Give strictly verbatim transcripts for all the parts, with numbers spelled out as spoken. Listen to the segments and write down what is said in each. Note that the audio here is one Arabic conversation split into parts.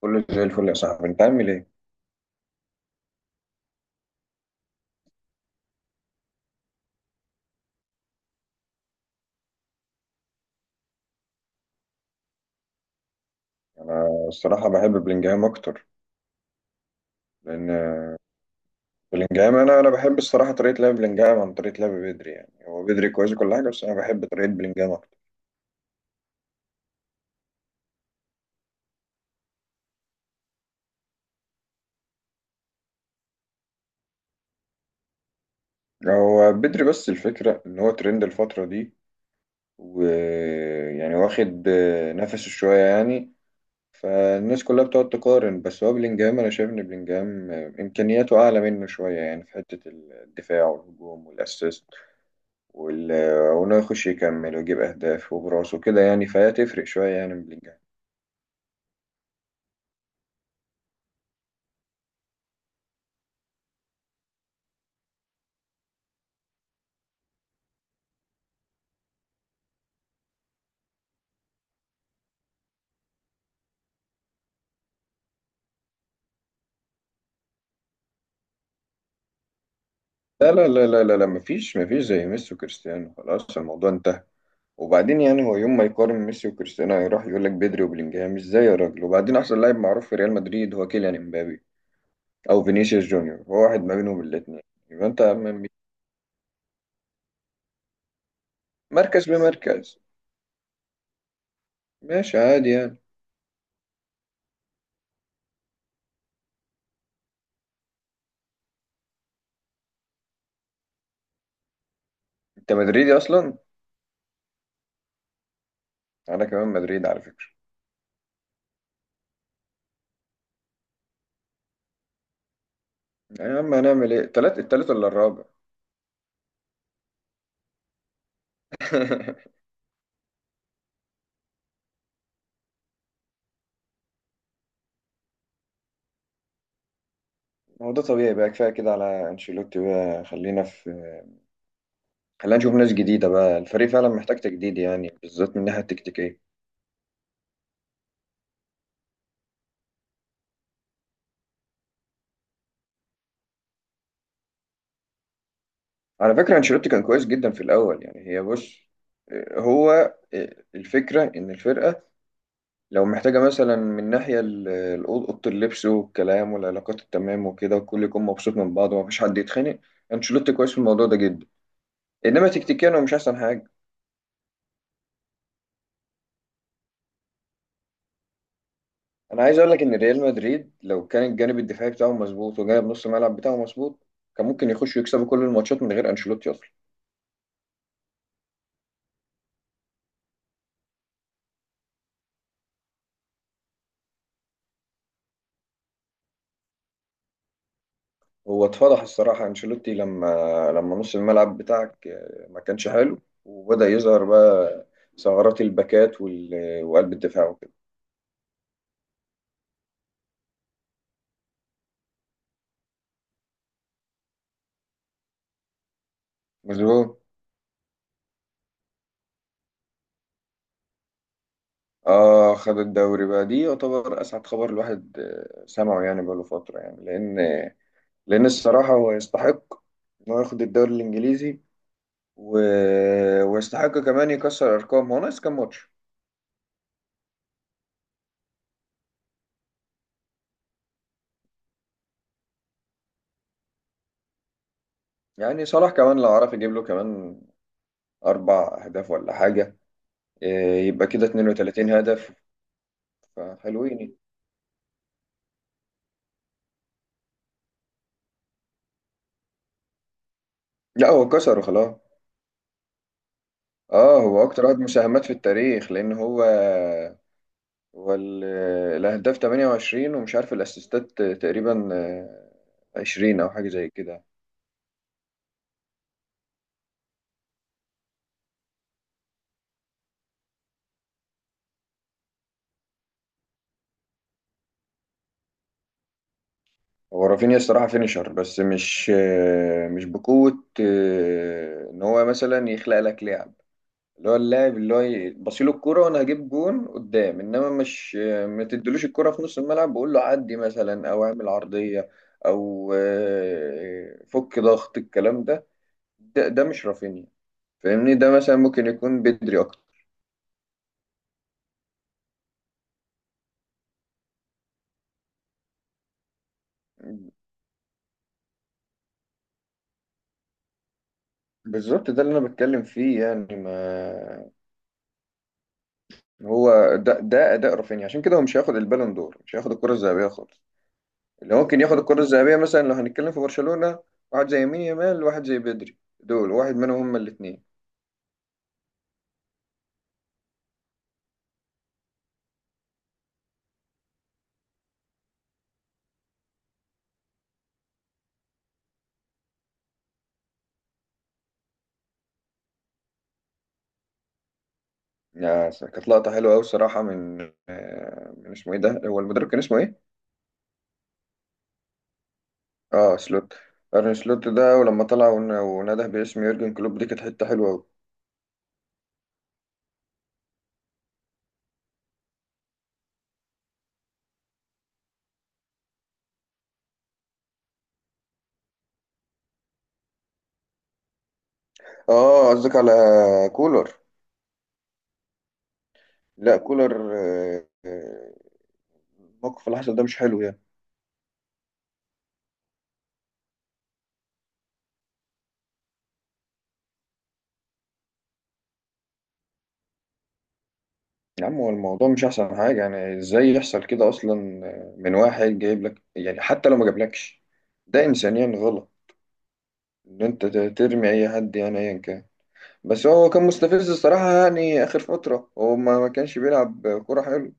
كله زي الفل يا صاحبي، انت عامل ايه؟ انا الصراحه بحب بلينجهام اكتر لان بلينجهام، انا انا بحب الصراحه طريقه لعب بلينجهام عن طريقه لعب بدري. يعني هو بدري كويس وكل حاجه، بس انا بحب طريقه بلينجهام اكتر. هو بدري بس الفكره ان هو ترند الفتره دي، ويعني واخد آه، نفسه شويه يعني. فالناس كلها بتقعد تقارن، بس هو بلينجهام، انا شايف ان بلينجهام آه، امكانياته اعلى منه شويه يعني في حته الدفاع والهجوم والاسيست وال- وإنه يخش يكمل ويجيب أهداف وبراسه كده، يعني فهي تفرق شوية يعني من بلينجهام. لا، لا، لا، لا، لا، لا، مفيش مفيش زي ميسي وكريستيانو. خلاص الموضوع انتهى. وبعدين يعني هو يوم ما يقارن ميسي وكريستيانو هيروح يقول لك بدري وبلينجهام ازاي يا راجل؟ وبعدين أحسن لاعب معروف في ريال مدريد هو كيليان امبابي أو فينيسيوس جونيور، هو واحد ما بينهم الاتنين. يبقى أنت يا عم مركز بمركز ماشي عادي يعني. أنت مدريدي أصلا. أنا كمان مدريد على فكرة. يا عم هنعمل إيه؟ التلات التالت ولا الرابع؟ هو ده طبيعي بقى. كفايه كده على انشيلوتي بقى، خلينا في خلينا نشوف ناس جديده بقى. الفريق فعلا محتاج تجديد يعني بالذات من الناحيه التكتيكيه. على فكره انشيلوتي كان كويس جدا في الاول يعني. هي بص، هو الفكره ان الفرقه لو محتاجه مثلا من ناحيه ال- ال- اوضه اللبس والكلام والعلاقات التمام وكده، والكل يكون مبسوط من بعض ومفيش حد يتخانق. انشيلوتي كويس في الموضوع ده جدا، انما تكتيكيا هو مش احسن حاجه. انا عايز اقول لك ان ريال مدريد لو كان الجانب الدفاعي بتاعه مظبوط وجانب نص الملعب بتاعه مظبوط، كان ممكن يخشوا يكسبوا كل الماتشات من غير انشيلوتي اصلا. هو اتفضح الصراحه انشيلوتي لما لما نص الملعب بتاعك آه، ما كانش حلو، وبدا يظهر بقى ثغرات الباكات وال... وقلب الدفاع وكده. مظبوط. اه، خد الدوري بقى. دي يعتبر اسعد خبر الواحد آه، سمعه يعني بقاله فتره، يعني لان لان الصراحه هو يستحق انه ياخد الدوري الانجليزي و... ويستحق كمان يكسر ارقام. هو ناقص كام ماتش؟ يعني صلاح كمان لو عرف يجيب له كمان اربع اهداف ولا حاجه، إيه، يبقى كده اثنين وثلاثين هدف فحلوين يعني. لا هو كسره خلاص. اه، هو اكتر واحد مساهمات في التاريخ لان هو هو ال- الاهداف تمنية وعشرين، ومش عارف الاسيستات تقريبا آه، عشرين او حاجه زي كده. هو رافينيا الصراحه فينيشر، بس مش آه، مش بقوه آه، ان هو مثلا يخلق لك لعب اللي هو اللاعب اللي هو ي- بصيله الكرة وانا هجيب جون قدام، انما مش. ما تدلوش الكرة في نص الملعب، بقول له عدي مثلا او اعمل عرضية او آه، فك ضغط. الكلام ده ده, ده مش رافينيا. فاهمني؟ ده مثلا ممكن يكون بدري اكتر. بالظبط ده اللي انا بتكلم فيه يعني. ما هو ده ده اداء رافينيا، عشان كده هو مش هياخد البالون دور، مش هياخد الكرة الذهبية خالص. اللي ممكن ياخد الكرة الذهبية، مثلا لو هنتكلم في برشلونة، واحد زي يمين يامال، واحد زي بدري. دول واحد منهم هما الاثنين. يا س- كانت لقطة حلوة أوي الصراحة من آه، من اسمه إيه ده؟ هو المدرب كان اسمه إيه؟ آه سلوت. أرن سلوت ده، ولما طلع ون- ونده باسم يورجن كلوب دي كانت حتة حلوة أوي. آه قصدك على كولر. لا كولر، آه، آه، الموقف اللي حصل ده مش حلو يعني. يا عم هو الموضوع مش أحسن حاجة يعني. إزاي يحصل كده أصلا آه، من واحد جايب لك يعني، حتى لو ما جابلكش، ده إنسانيا غلط إن أنت ت- ترمي أي حد يعني أيا كان. بس هو كان مستفز الصراحة، يعني آخر فترة هو ما ما كانش بيلعب كورة حلو،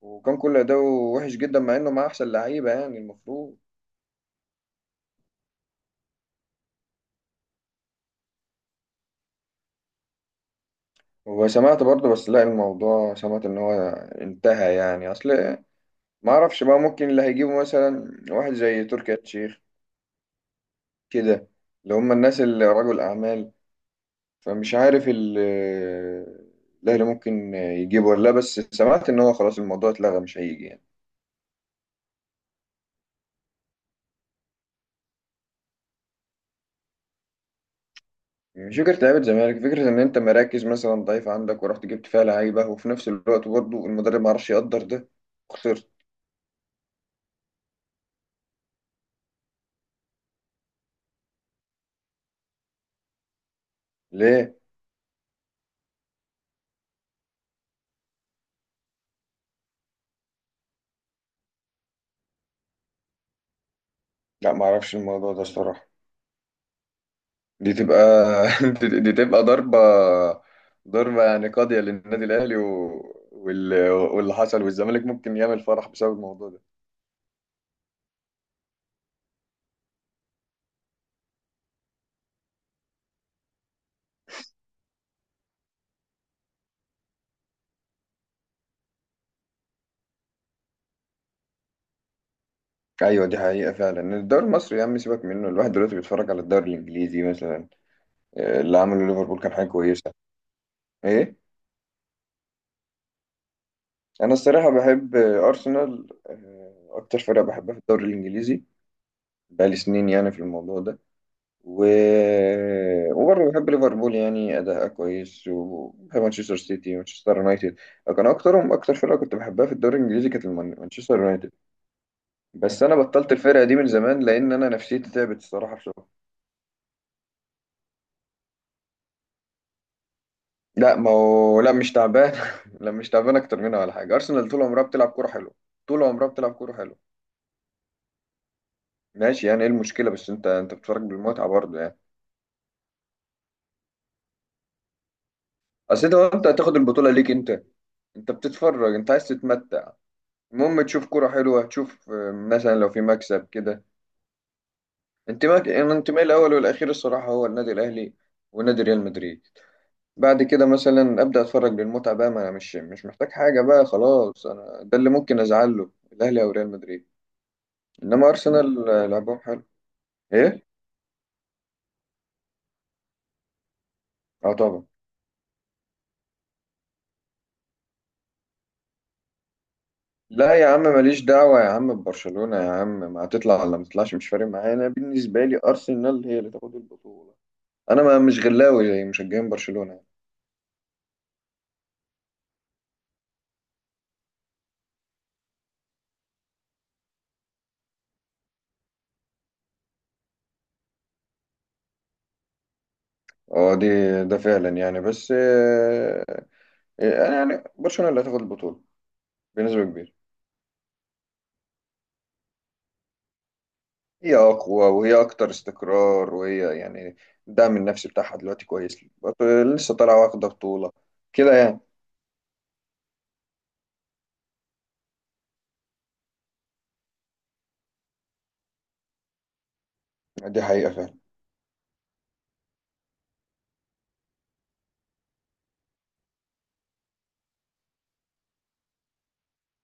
وكان كل أداؤه وحش جدا مع إنه مع أحسن لعيبة يعني المفروض. وسمعت برضه، بس لا الموضوع، سمعت إن هو انتهى يعني. أصل ما أعرفش بقى، ممكن اللي هيجيبه مثلا واحد زي تركي آل الشيخ كده، اللي هم الناس اللي رجل أعمال. فمش عارف ال الأهلي ممكن يجيبه ولا لا، بس سمعت إن هو خلاص الموضوع اتلغى مش هيجي. مش فكرة لعيبة زمالك، فكرة إن أنت مراكز مثلا ضعيفة عندك ورحت جبت فيها لعيبة، وفي نفس الوقت برضه المدرب معرفش يقدر ده. خسرت. ليه؟ لا، معرفش الموضوع ده الصراحة. دي تبقى دي دي تبقى ضربة ضربة يعني قاضية للنادي الأهلي و... وال... واللي حصل، والزمالك ممكن يعمل فرح بسبب الموضوع ده. أيوة، دي حقيقة فعلا. الدوري المصري يا عم سيبك منه، الواحد دلوقتي بيتفرج على الدوري الإنجليزي مثلا. آه، اللي عمله ليفربول كان حاجة كويسة. إيه؟ انا الصراحه بحب ارسنال، آه، اكتر فرقه بحبها في الدوري الانجليزي. بقالي سنين يعني في الموضوع ده. و... وبرضه بحب ليفربول، يعني اداءها كويس، وبحب مانشستر سيتي ومانشستر يونايتد. كان اكترهم، اكتر فرقه كنت بحبها في الدوري الانجليزي كانت المان- مانشستر يونايتد. بس انا بطلت الفرقه دي من زمان، لان انا نفسيتي تعبت الصراحه بسرعه. لا، ما هو لا، مش تعبان لا مش تعبان اكتر منها ولا حاجه. ارسنال طول عمرها بتلعب كوره حلوه، طول عمرها بتلعب كوره حلوه. ماشي يعني، ايه المشكله؟ بس انت انت بتتفرج بالمتعه برضه يعني. اصل انت وانت هتاخد البطوله ليك انت انت بتتفرج، انت عايز تتمتع. المهم تشوف كرة حلوه، تشوف آه، مثلا لو في مكسب كده. انتماء، أنا انتمائي الاول والاخير الصراحه هو النادي الاهلي ونادي ريال مدريد. بعد كده مثلا ابدا اتفرج للمتعه بقى، ما انا مش مش محتاج حاجه بقى. خلاص انا ده اللي ممكن ازعل له الاهلي او ريال مدريد. انما ارسنال آه، لعبهم حلو. ايه؟ اه طبعا. لا يا عم، ماليش دعوة يا عم ببرشلونة. يا عم ما هتطلع ولا ما تطلعش، مش فارق معايا. انا بالنسبة لي أرسنال هي اللي تاخد البطولة. انا ما مش غلاوي زي مشجعين برشلونة. اه دي، ده فعلا يعني بس آه، آه، انا يعني برشلونة اللي هتاخد البطولة بنسبة كبيرة. هي اقوى، وهي اكتر استقرار، وهي يعني الدعم النفسي بتاعها دلوقتي كويس. بط- لسه طالعة واخدة بطولة كده يعني. دي حقيقة فعلا.